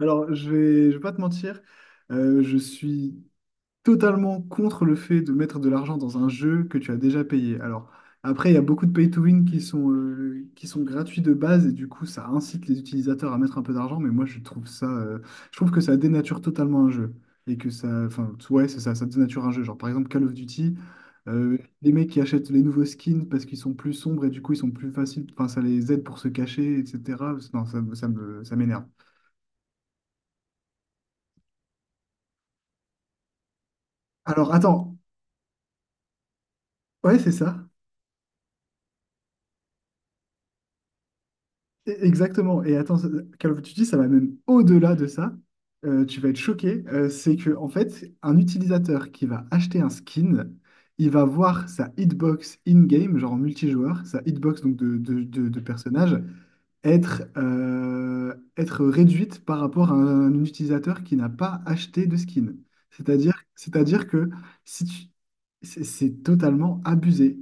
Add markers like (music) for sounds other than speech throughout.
Alors, je vais pas te mentir, je suis totalement contre le fait de mettre de l'argent dans un jeu que tu as déjà payé. Alors, après, il y a beaucoup de pay to win qui sont gratuits de base et du coup, ça incite les utilisateurs à mettre un peu d'argent, mais moi, je trouve ça, je trouve que ça dénature totalement un jeu et que ça, enfin, ouais, c'est ça, ça dénature un jeu. Genre, par exemple, Call of Duty. Les mecs qui achètent les nouveaux skins parce qu'ils sont plus sombres et du coup ils sont plus faciles, enfin ça les aide pour se cacher, etc. Non, ça, ça m'énerve. Alors attends, ouais, c'est ça. Exactement. Et attends, Call of Duty, ça va même au-delà de ça. Tu vas être choqué. C'est que, en fait, un utilisateur qui va acheter un skin, il va voir sa hitbox in-game, genre en multijoueur, sa hitbox donc de personnage, être, être réduite par rapport à un utilisateur qui n'a pas acheté de skin. C'est-à-dire que si tu... c'est totalement abusé.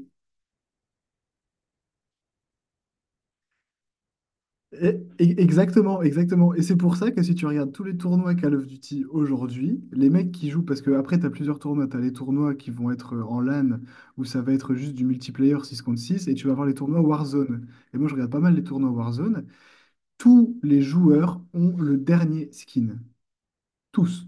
Exactement. Et c'est pour ça que si tu regardes tous les tournois Call of Duty aujourd'hui, les mecs qui jouent, parce que après, tu as plusieurs tournois, tu as les tournois qui vont être en LAN, où ça va être juste du multiplayer 6 contre 6 et tu vas avoir les tournois Warzone. Et moi, je regarde pas mal les tournois Warzone. Tous les joueurs ont le dernier skin. Tous.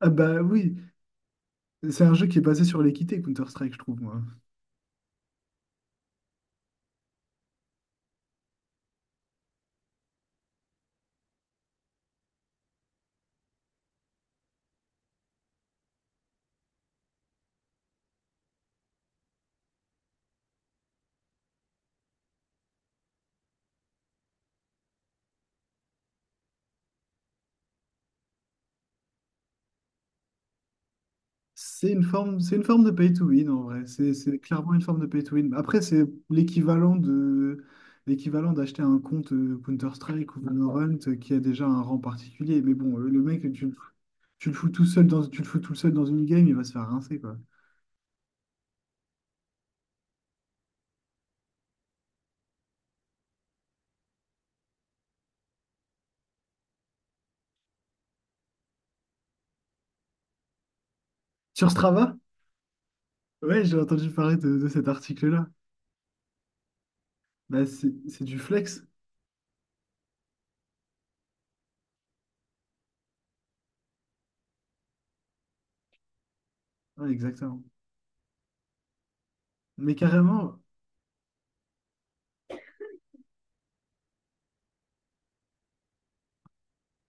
Ah bah oui, c'est un jeu qui est basé sur l'équité, Counter-Strike, je trouve, moi. C'est une forme de pay to win en vrai. C'est clairement une forme de pay to win. Après, c'est l'équivalent de l'équivalent d'acheter un compte Counter-Strike ou Valorant, qui a déjà un rang particulier. Mais bon, le mec, tu le fous tout seul tu le fous tout seul dans une game, il va se faire rincer, quoi. Sur Strava? Ouais, j'ai entendu parler de cet article-là. Bah, c'est du flex. Ouais, exactement. Mais carrément.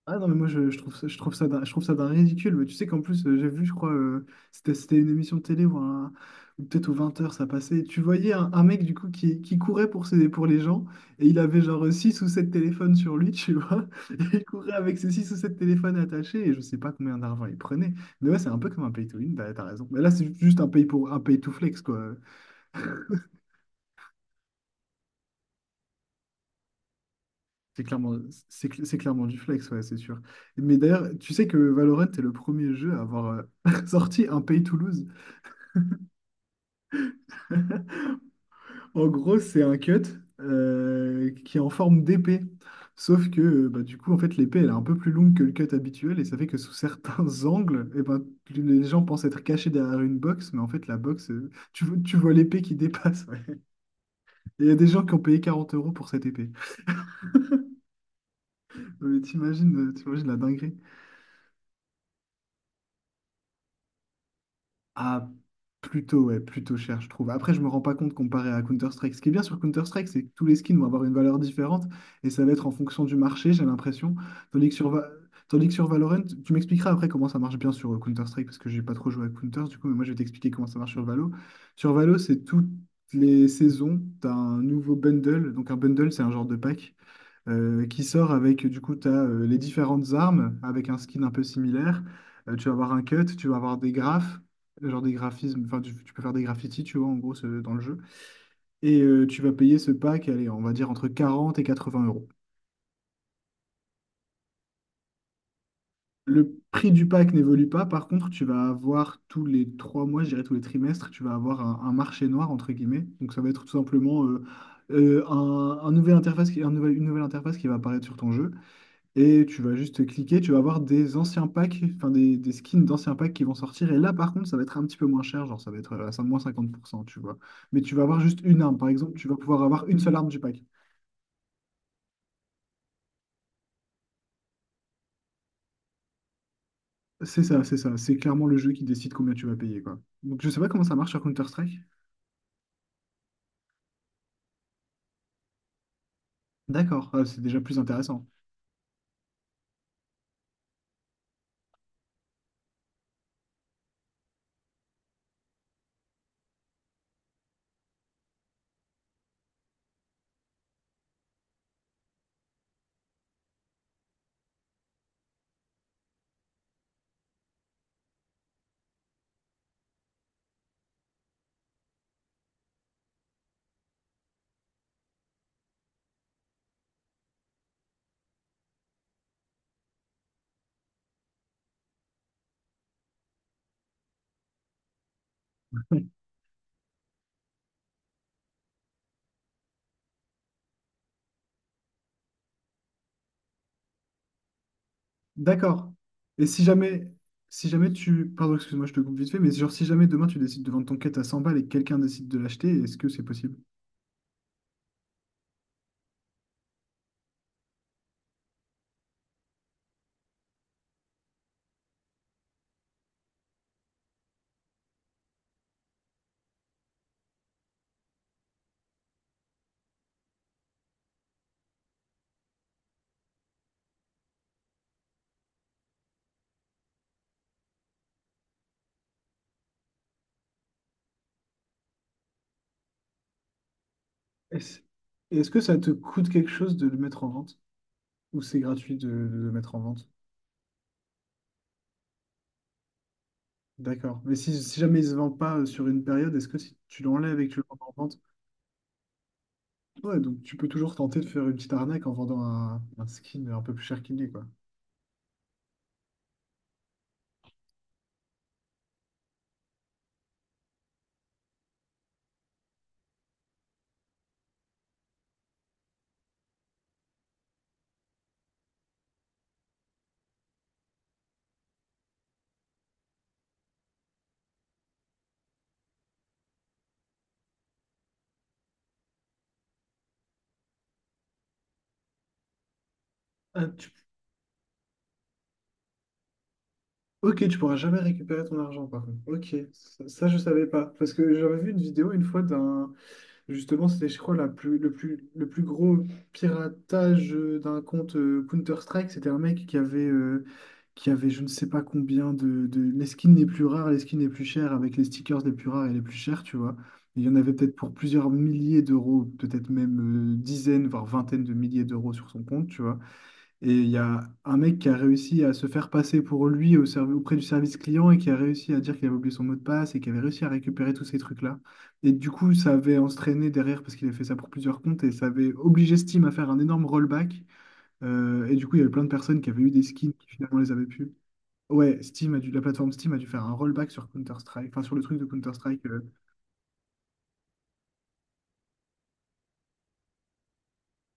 Ah non, mais moi je trouve ça d'un, je trouve ça d'un ridicule. Mais tu sais qu'en plus, j'ai vu, je crois, c'était une émission de télé ou peut-être aux 20 heures ça passait. Tu voyais un mec du coup qui courait pour ses, pour les gens et il avait genre 6 ou 7 téléphones sur lui, tu vois. (laughs) Il courait avec ses 6 ou 7 téléphones attachés et je sais pas combien d'argent il prenait. Mais ouais, c'est un peu comme un pay to win, t'as raison. Mais là, c'est juste un pay to flex, quoi. C'est clairement, c'est clairement du flex, ouais, c'est sûr. Mais d'ailleurs, tu sais que Valorant est le premier jeu à avoir (laughs) sorti un pay to lose. En gros, c'est un cut qui est en forme d'épée. Sauf que du coup, en fait, l'épée, elle est un peu plus longue que le cut habituel et ça fait que sous certains (laughs) angles, eh ben, les gens pensent être cachés derrière une box, mais en fait, la box, tu vois l'épée qui dépasse. Ouais. Et il y a des gens qui ont payé 40 € pour cette épée. Non, mais t'imagines, t'imagines la dinguerie. Ah, plutôt, ouais, plutôt cher, je trouve. Après, je me rends pas compte comparé à Counter-Strike. Ce qui est bien sur Counter-Strike, c'est que tous les skins vont avoir une valeur différente et ça va être en fonction du marché, j'ai l'impression. Tandis que sur, Va- Tandis que sur Valorant, tu m'expliqueras après comment ça marche bien sur Counter-Strike parce que j'ai pas trop joué à Counter, du coup, mais moi je vais t'expliquer comment ça marche sur Valo. Sur Valo, c'est toutes les saisons, tu as un nouveau bundle. Donc, un bundle, c'est un genre de pack qui sort avec, du coup, tu as les différentes armes avec un skin un peu similaire. Tu vas avoir un cut, tu vas avoir des graphes, genre des graphismes, enfin, tu peux faire des graffitis, tu vois, en gros, dans le jeu. Et tu vas payer ce pack, allez, on va dire entre 40 et 80 euros. Le prix du pack n'évolue pas, par contre, tu vas avoir tous les 3 mois, je dirais tous les trimestres, tu vas avoir un marché noir, entre guillemets. Donc ça va être tout simplement un nouvel interface qui, un nouvel- une nouvelle interface qui va apparaître sur ton jeu. Et tu vas juste cliquer, tu vas avoir des anciens packs, enfin des skins d'anciens packs qui vont sortir. Et là, par contre, ça va être un petit peu moins cher, genre ça va être à 5, moins 50%, tu vois. Mais tu vas avoir juste une arme, par exemple, tu vas pouvoir avoir une seule arme du pack. C'est ça. C'est clairement le jeu qui décide combien tu vas payer, quoi. Donc je sais pas comment ça marche sur Counter-Strike. D'accord, ah, c'est déjà plus intéressant. (laughs) D'accord. Et si jamais pardon, excuse-moi, je te coupe vite fait, mais genre si jamais demain tu décides de vendre ton quête à 100 balles et que quelqu'un décide de l'acheter, est-ce que c'est possible? Est-ce est-ce que ça te coûte quelque chose de le mettre en vente? Ou c'est gratuit de le mettre en vente? D'accord. Mais si jamais il se vend pas sur une période, est-ce que si tu l'enlèves et que tu le vends en vente? Ouais, donc tu peux toujours tenter de faire une petite arnaque en vendant un skin un peu plus cher qu'il n'est, quoi. Ah, tu- Ok, tu pourras jamais récupérer ton argent, par contre. Ok, ça, je savais pas. Parce que j'avais vu une vidéo une fois d'un, justement, c'était, je crois, la plus, le plus, le plus gros piratage d'un compte Counter-Strike. C'était un mec qui avait je ne sais pas combien Les skins les plus rares, les skins les plus chers avec les stickers les plus rares et les plus chers, tu vois. Il y en avait peut-être pour plusieurs milliers d'euros, peut-être même dizaines, voire vingtaines de milliers d'euros sur son compte, tu vois. Et il y a un mec qui a réussi à se faire passer pour lui auprès du service client et qui a réussi à dire qu'il avait oublié son mot de passe et qui avait réussi à récupérer tous ces trucs-là. Et du coup, ça avait entraîné derrière, parce qu'il a fait ça pour plusieurs comptes, et ça avait obligé Steam à faire un énorme rollback. Et du coup, il y avait plein de personnes qui avaient eu des skins qui finalement les avaient pu. Ouais, la plateforme Steam a dû faire un rollback sur Counter-Strike, enfin sur le truc de Counter-Strike.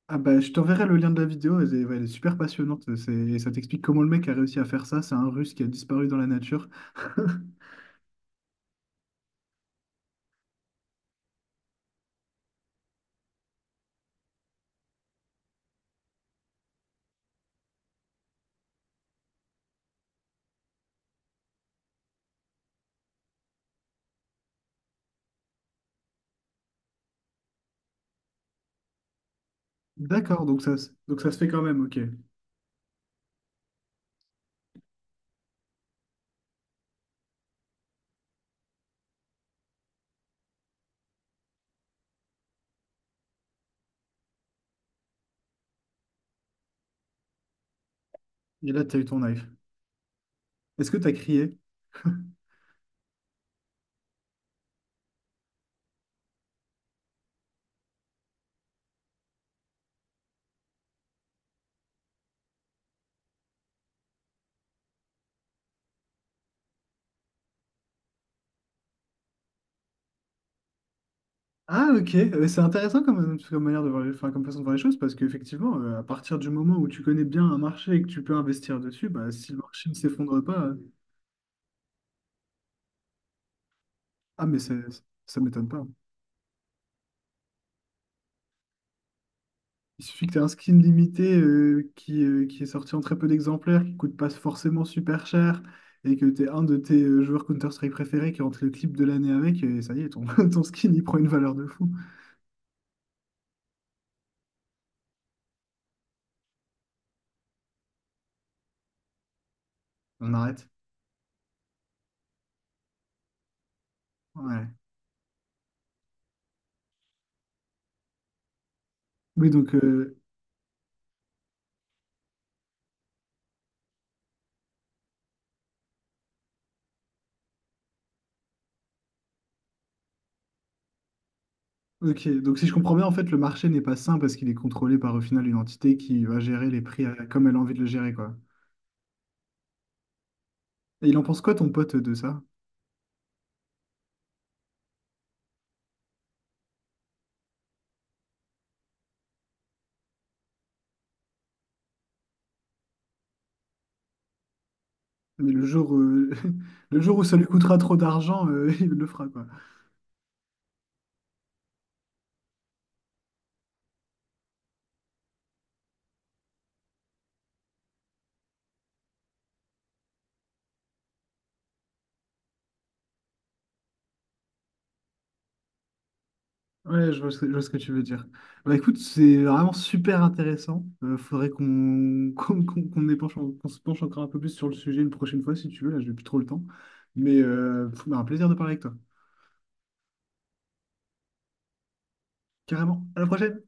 Ah bah, je t'enverrai le lien de la vidéo, elle est, ouais, elle est super passionnante. Ça t'explique comment le mec a réussi à faire ça. C'est un Russe qui a disparu dans la nature. (laughs) D'accord, donc donc ça se fait quand même, ok. Et là, t'as eu ton knife. Est-ce que t'as crié? Ah, ok, c'est intéressant comme, comme manière de voir les, enfin, comme façon de voir les choses, parce qu'effectivement, à partir du moment où tu connais bien un marché et que tu peux investir dessus, bah, si le marché ne s'effondre pas, ah, mais ça m'étonne pas. Il suffit que tu aies un skin limité qui est sorti en très peu d'exemplaires, qui coûte pas forcément super cher, et que tu es un de tes joueurs Counter-Strike préférés qui rentre le clip de l'année avec, et ça y est, ton, (laughs) ton skin, il prend une valeur de fou. On arrête. Ouais. Oui, donc, ok. Donc, si je comprends bien, en fait, le marché n'est pas sain parce qu'il est contrôlé par, au final, une entité qui va gérer les prix comme elle a envie de le gérer, quoi. Et il en pense quoi, ton pote, de ça? Mais le jour, (laughs) le jour où ça lui coûtera trop d'argent, (laughs) il le fera, quoi. Ouais, je vois ce que tu veux dire. Bah écoute, c'est vraiment super intéressant. Faudrait qu'on (laughs) qu'on se penche encore un peu plus sur le sujet une prochaine fois si tu veux. Là, j'ai plus trop le temps. Mais bah, un plaisir de parler avec toi. Carrément. À la prochaine!